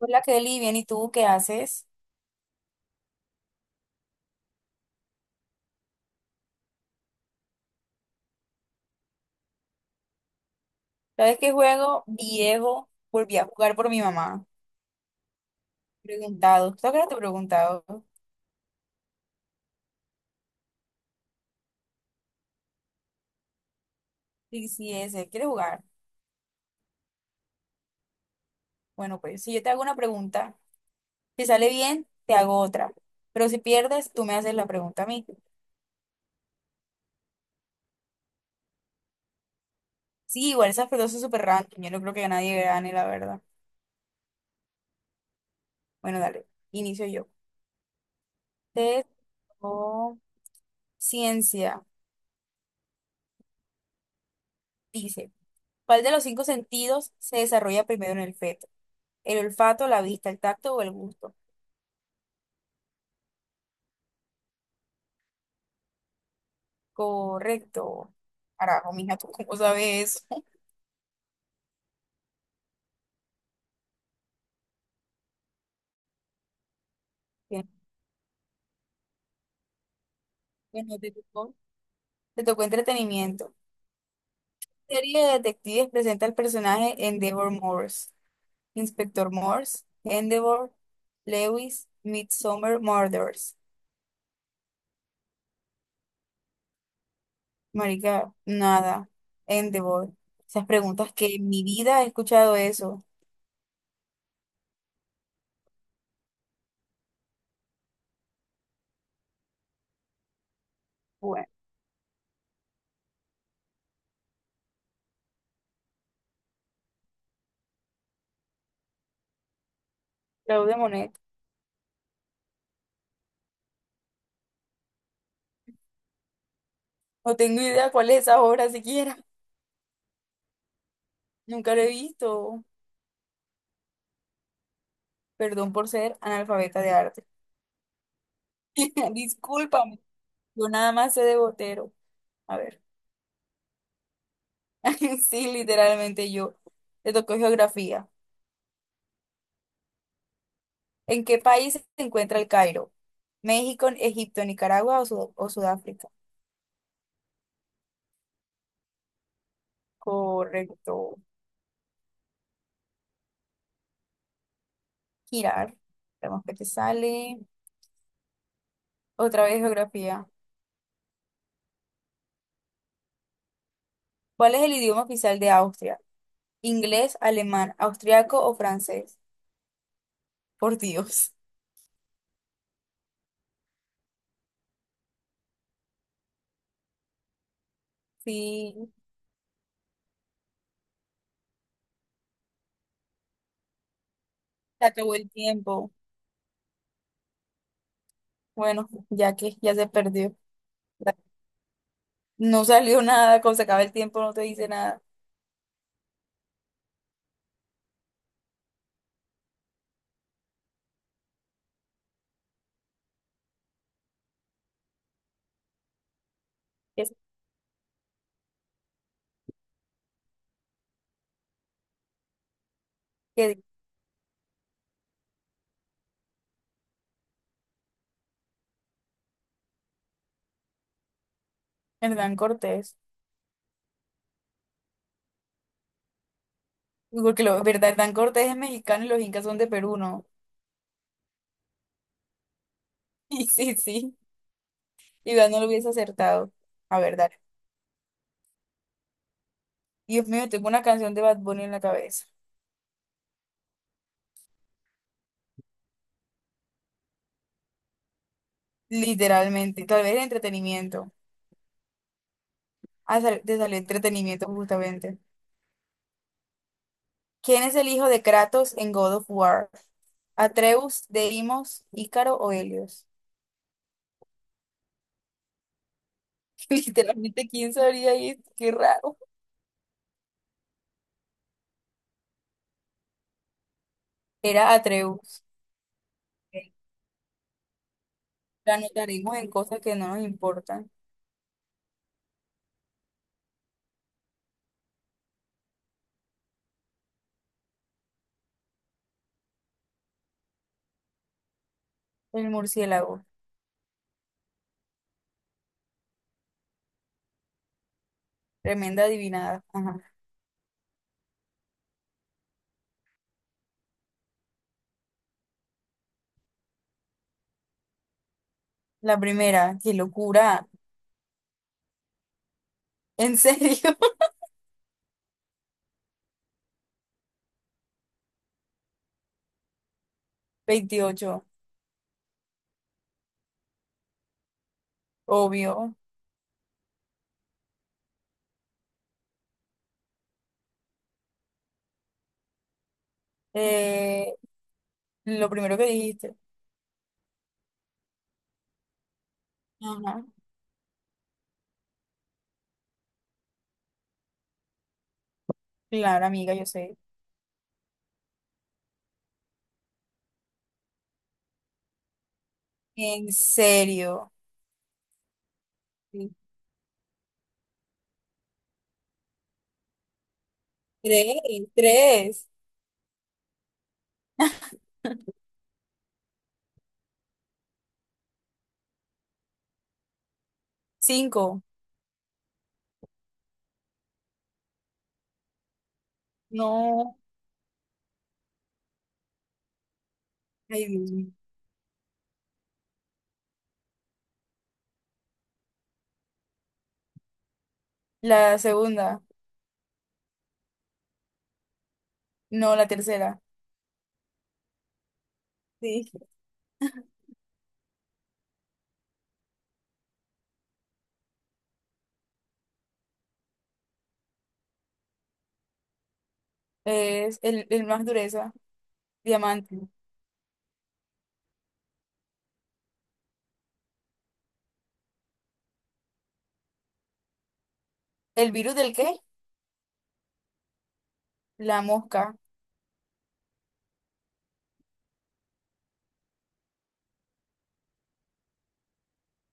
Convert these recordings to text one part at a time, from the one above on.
Hola Kelly, bien, ¿y tú qué haces? ¿Sabes qué juego viejo volví a jugar por mi mamá? Preguntado. ¿Tú que no te he preguntado? Sí, sí, ese. ¿Quieres jugar? Bueno, pues si yo te hago una pregunta, si sale bien, te hago otra. Pero si pierdes, tú me haces la pregunta a mí. Sí, igual esas preguntas son súper random. Yo no creo que nadie gane, la verdad. Bueno, dale. Inicio yo. Te o ciencia. Dice, ¿cuál de los cinco sentidos se desarrolla primero en el feto? ¿El olfato, la vista, el tacto o el gusto? Correcto. Carajo, mija, ¿tú cómo sabes eso? Bien. Bueno, te tocó entretenimiento. La serie de detectives presenta al personaje Endeavor Morse, Inspector Morse, Endeavor, Lewis, Midsummer Murders. Marica, nada. Endeavor. Esas preguntas que en mi vida he escuchado eso. Bueno, Claude Monet. No tengo idea cuál es esa obra siquiera. Nunca lo he visto. Perdón por ser analfabeta de arte. Disculpa. Yo nada más sé de Botero. A ver, sí, literalmente yo. Le tocó geografía. ¿En qué país se encuentra el Cairo? ¿México, Egipto, Nicaragua o, o Sudáfrica? Correcto. Girar. Vemos que te sale. Otra vez geografía. ¿Cuál es el idioma oficial de Austria? ¿Inglés, alemán, austriaco o francés? Por Dios. Sí, se acabó el tiempo. Bueno, ya que ya se perdió. No salió nada, cuando se acaba el tiempo no te dice nada. Es que Hernán Cortés. Porque lo, verdad, Hernán Cortés es mexicano y los incas son de Perú, ¿no? Y sí, sí. Igual no lo hubiese acertado. A ver, dale. Dios mío, tengo una canción de Bad Bunny en la cabeza. Literalmente. Tal vez entretenimiento. Ah, te salió entretenimiento justamente. ¿Quién es el hijo de Kratos en God of War? ¿Atreus, Deimos, Ícaro o Helios? Literalmente, ¿quién sabría esto? Qué raro. Era Atreus. Ok. La anotaremos en cosas que no nos importan. El murciélago. Tremenda adivinada. Ajá. La primera, qué locura. ¿En serio? Veintiocho, obvio. Eh, lo primero que dijiste. Ajá. Claro, amiga, yo sé. ¿En serio? Sí. Tres, tres. Cinco. No. Ay, Dios mío. La segunda. No, la tercera. Sí. Es el más dureza. Diamante. ¿El virus del qué? La mosca.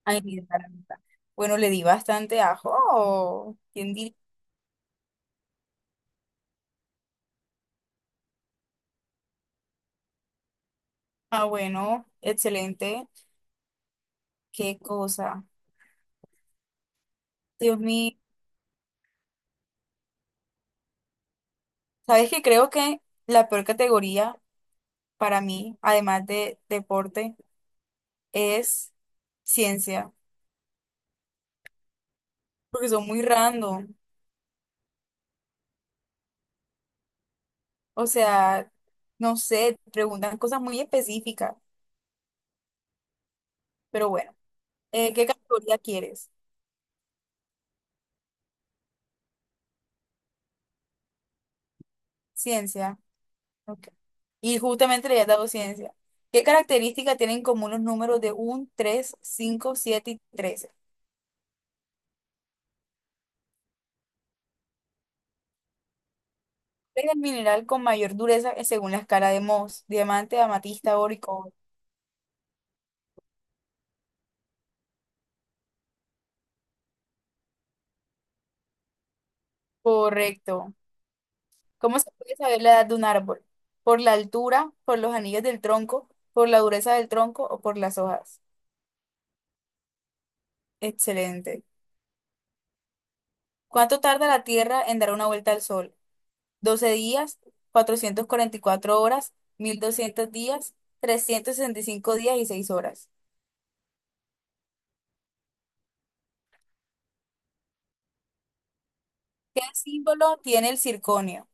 Ay, mi garganta. Bueno, le di bastante ajo. Oh, ¿quién diría? Ah, bueno, excelente. Qué cosa. Dios mío. Sabes que creo que la peor categoría para mí, además de deporte, es ciencia, porque son muy random. O sea, no sé, preguntan cosas muy específicas. Pero bueno, ¿qué categoría quieres? Ciencia. Ok. Y justamente le he dado ciencia. ¿Qué características tienen en común los números de uno, 3, 5, 7 y 13? Es el mineral con mayor dureza según la escala de Mohs, diamante, amatista, oro y cobre. Correcto. ¿Cómo se puede saber la edad de un árbol? ¿Por la altura, por los anillos del tronco, por la dureza del tronco o por las hojas? Excelente. ¿Cuánto tarda la Tierra en dar una vuelta al Sol? Doce días, 444 horas, 1200 días, 365 días y 6 horas. ¿Qué símbolo tiene el circonio?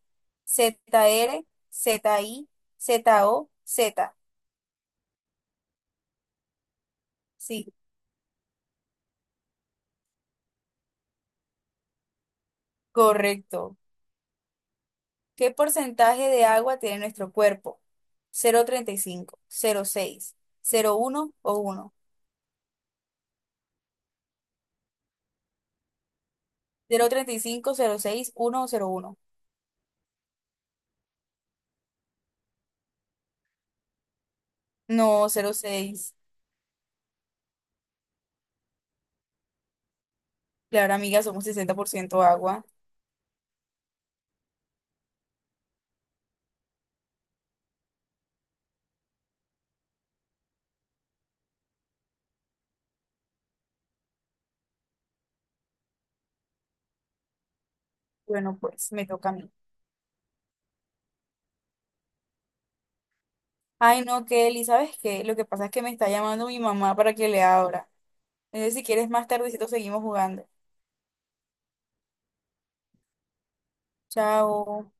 ZR, ZI, ZO, Z. Sí, correcto. ¿Qué porcentaje de agua tiene nuestro cuerpo? 0,35, 0,6, uno o 1. 0,35, seis, uno o cero coma uno. No, cero coma seis. Claro, amiga, somos 60% agua. Bueno, pues me toca a mí. Ay, no, Kelly, ¿sabes qué? Lo que pasa es que me está llamando mi mamá para que le abra. Entonces, si quieres, más tardecito seguimos jugando. Chao.